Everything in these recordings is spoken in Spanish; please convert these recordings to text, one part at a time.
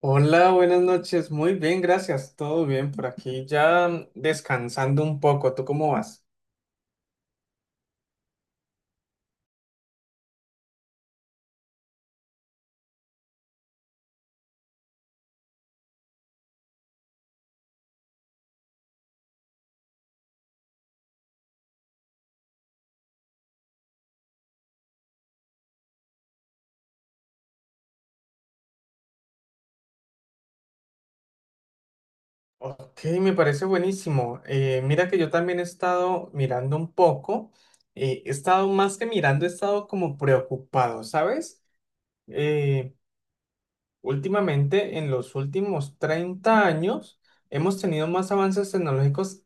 Hola, buenas noches. Muy bien, gracias. Todo bien por aquí. Ya descansando un poco. ¿Tú cómo vas? Ok, me parece buenísimo. Mira que yo también he estado mirando un poco. He estado más que mirando, he estado como preocupado, ¿sabes? Eh, Últimamente, en los últimos 30 años, hemos tenido más avances tecnológicos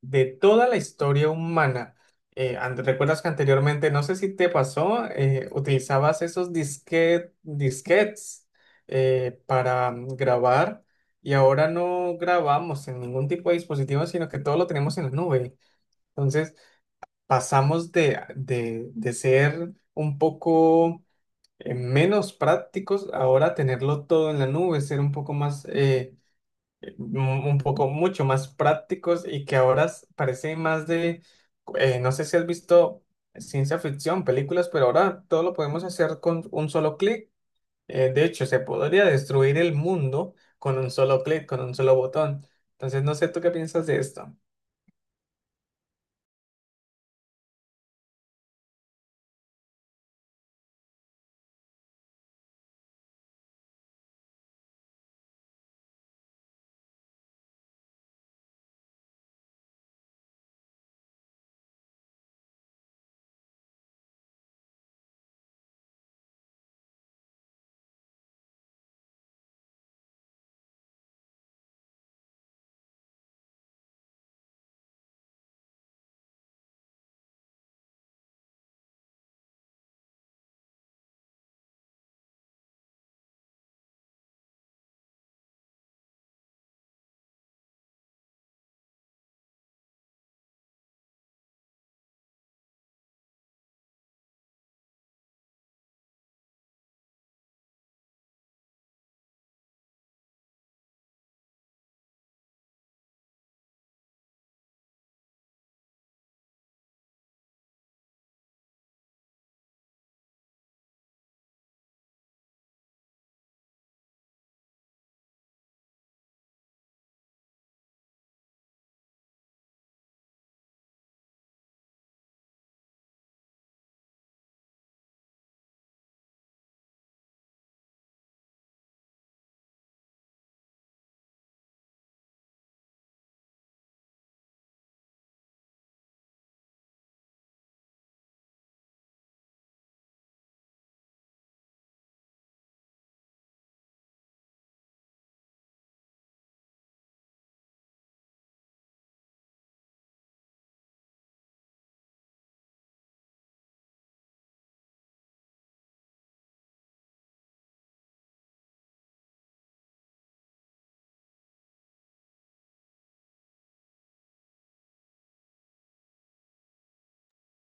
de toda la historia humana. ¿Recuerdas que anteriormente, no sé si te pasó, utilizabas esos disquetes para grabar y ahora no grabamos en ningún tipo de dispositivo, sino que todo lo tenemos en la nube? Entonces, pasamos de ser un poco menos prácticos ahora a tenerlo todo en la nube, ser un poco más... mu- un poco mucho más prácticos y que ahora parece más de, no sé si has visto ciencia ficción, películas, pero ahora todo lo podemos hacer con un solo clic. De hecho, se podría destruir el mundo con un solo clic, con un solo botón. Entonces, no sé tú qué piensas de esto.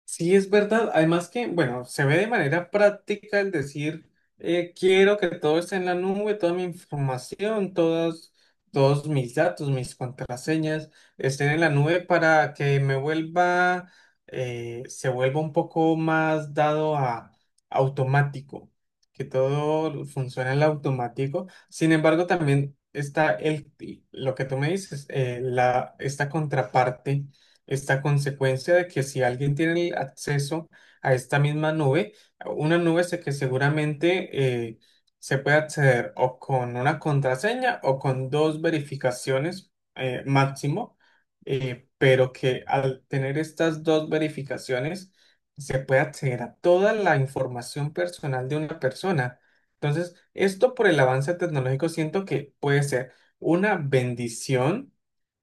Sí, es verdad. Además que, bueno, se ve de manera práctica el decir, quiero que todo esté en la nube, toda mi información, todos mis datos, mis contraseñas estén en la nube para que me vuelva, se vuelva un poco más dado a automático, que todo funcione en automático. Sin embargo, también está lo que tú me dices, esta contraparte, esta consecuencia de que si alguien tiene el acceso a esta misma nube, una nube que seguramente se puede acceder o con una contraseña o con dos verificaciones máximo, pero que al tener estas dos verificaciones se puede acceder a toda la información personal de una persona. Entonces, esto por el avance tecnológico siento que puede ser una bendición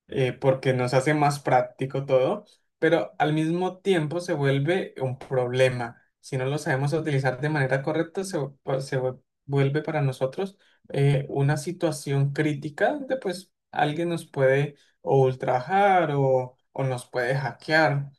porque nos hace más práctico todo, pero al mismo tiempo se vuelve un problema. Si no lo sabemos utilizar de manera correcta, se, vu- pa- se vu- vuelve para nosotros una situación crítica donde pues alguien nos puede o ultrajar o nos puede hackear.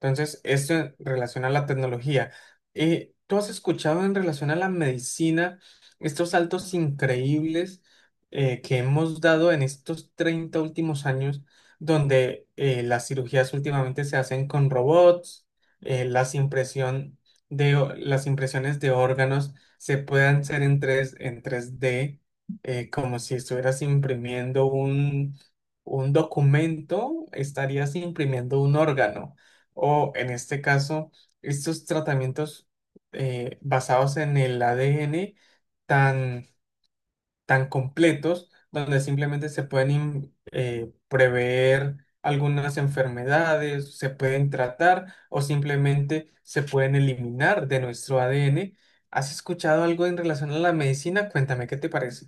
Entonces, esto en relación a la tecnología. ¿Tú has escuchado en relación a la medicina estos saltos increíbles, que hemos dado en estos 30 últimos años, donde las cirugías últimamente se hacen con robots, eh, las impresión las impresiones de órganos se pueden hacer en tres d, como si estuvieras imprimiendo un documento, estarías imprimiendo un órgano? O en este caso, estos tratamientos basados en el ADN tan tan completos, donde simplemente se pueden prever algunas enfermedades, se pueden tratar o simplemente se pueden eliminar de nuestro ADN. ¿Has escuchado algo en relación a la medicina? Cuéntame, ¿qué te parece?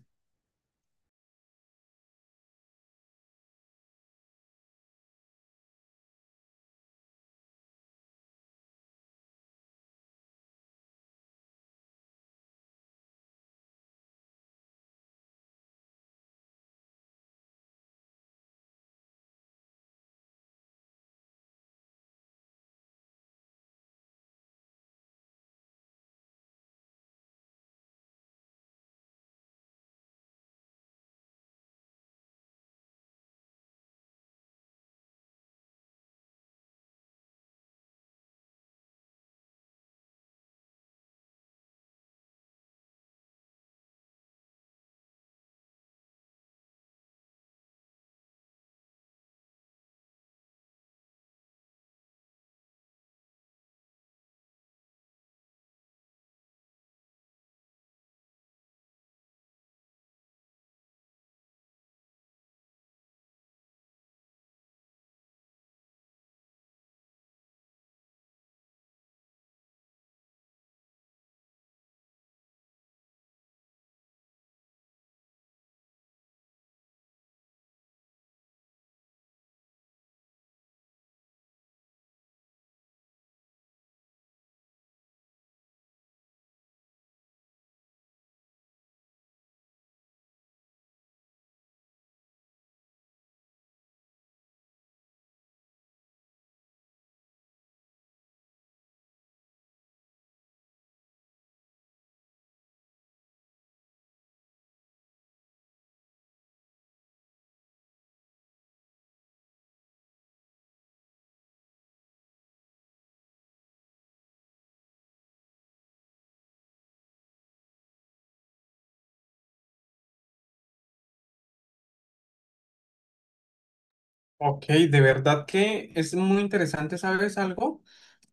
Ok, de verdad que es muy interesante, ¿sabes algo?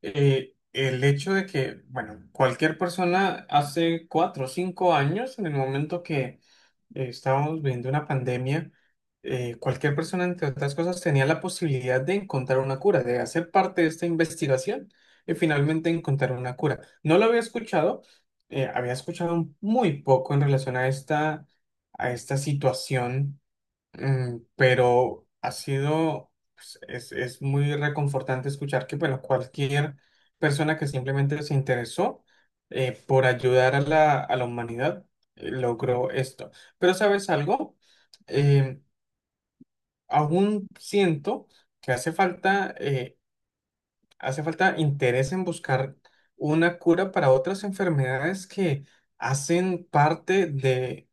El hecho de que, bueno, cualquier persona hace 4 o 5 años, en el momento que estábamos viviendo una pandemia, cualquier persona, entre otras cosas, tenía la posibilidad de encontrar una cura, de hacer parte de esta investigación y finalmente encontrar una cura. No lo había escuchado muy poco en relación a a esta situación. Mm, pero ha sido, pues, es muy reconfortante escuchar que bueno, cualquier persona que simplemente se interesó por ayudar a a la humanidad logró esto. Pero ¿sabes algo? Eh, Aún siento que hace falta interés en buscar una cura para otras enfermedades que hacen parte de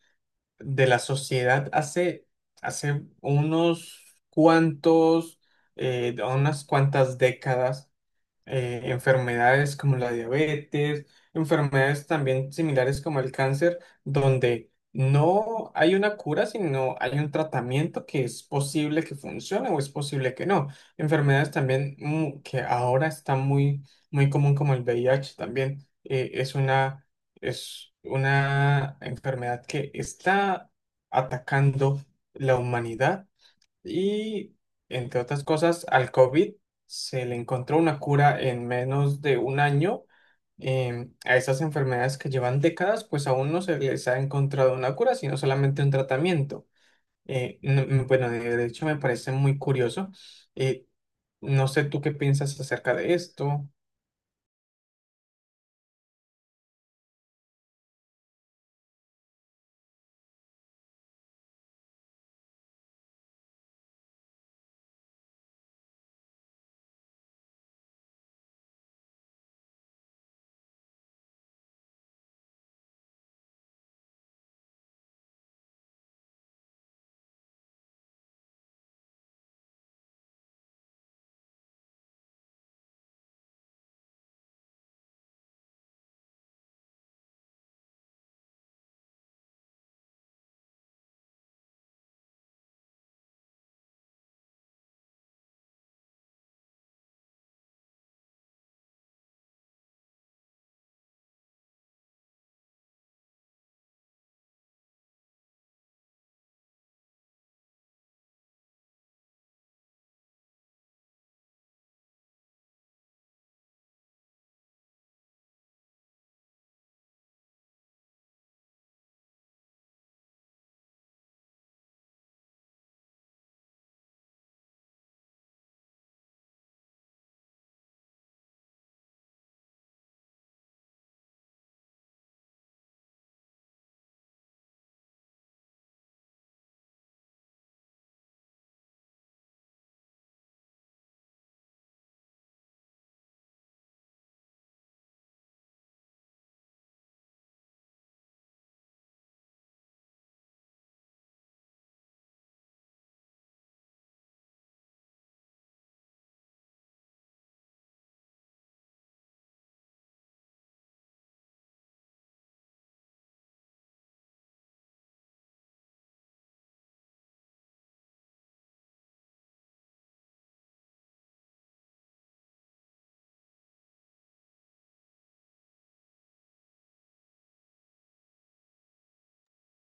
la sociedad hace unos cuantos, unas cuantas décadas, enfermedades como la diabetes, enfermedades también similares como el cáncer, donde no hay una cura, sino hay un tratamiento que es posible que funcione o es posible que no. Enfermedades también que ahora está muy común como el VIH también, es una enfermedad que está atacando la humanidad y, entre otras cosas, al COVID se le encontró una cura en menos de un año. A estas enfermedades que llevan décadas, pues aún no se les ha encontrado una cura, sino solamente un tratamiento. Bueno, de hecho me parece muy curioso. Eh, no sé tú qué piensas acerca de esto.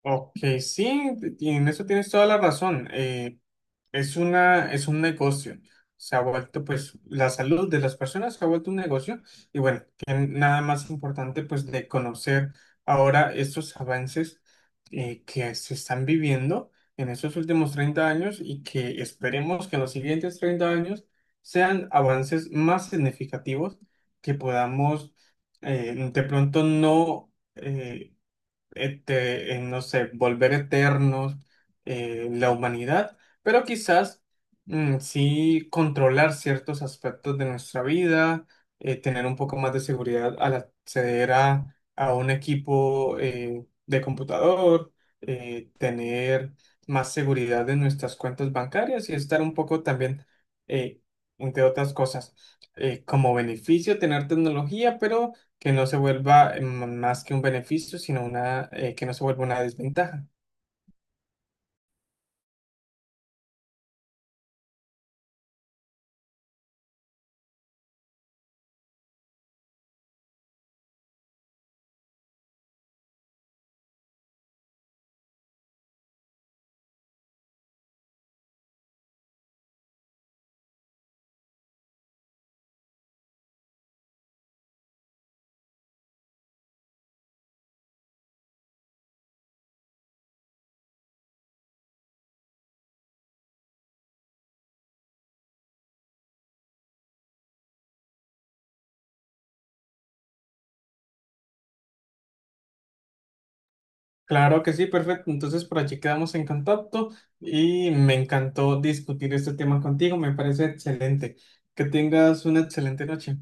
Ok, sí, en eso tienes toda la razón. Es un negocio. Se ha vuelto, pues, la salud de las personas se ha vuelto un negocio. Y bueno, que nada más importante, pues, de conocer ahora estos avances, que se están viviendo en estos últimos 30 años y que esperemos que en los siguientes 30 años sean avances más significativos, que podamos de pronto no este, en, no sé, volver eternos, la humanidad, pero quizás sí controlar ciertos aspectos de nuestra vida, tener un poco más de seguridad al acceder a un equipo de computador, tener más seguridad en nuestras cuentas bancarias y estar un poco también, eh, entre otras cosas, como beneficio tener tecnología, pero que no se vuelva más que un beneficio, sino que no se vuelva una desventaja. Claro que sí, perfecto. Entonces por allí quedamos en contacto y me encantó discutir este tema contigo. Me parece excelente. Que tengas una excelente noche.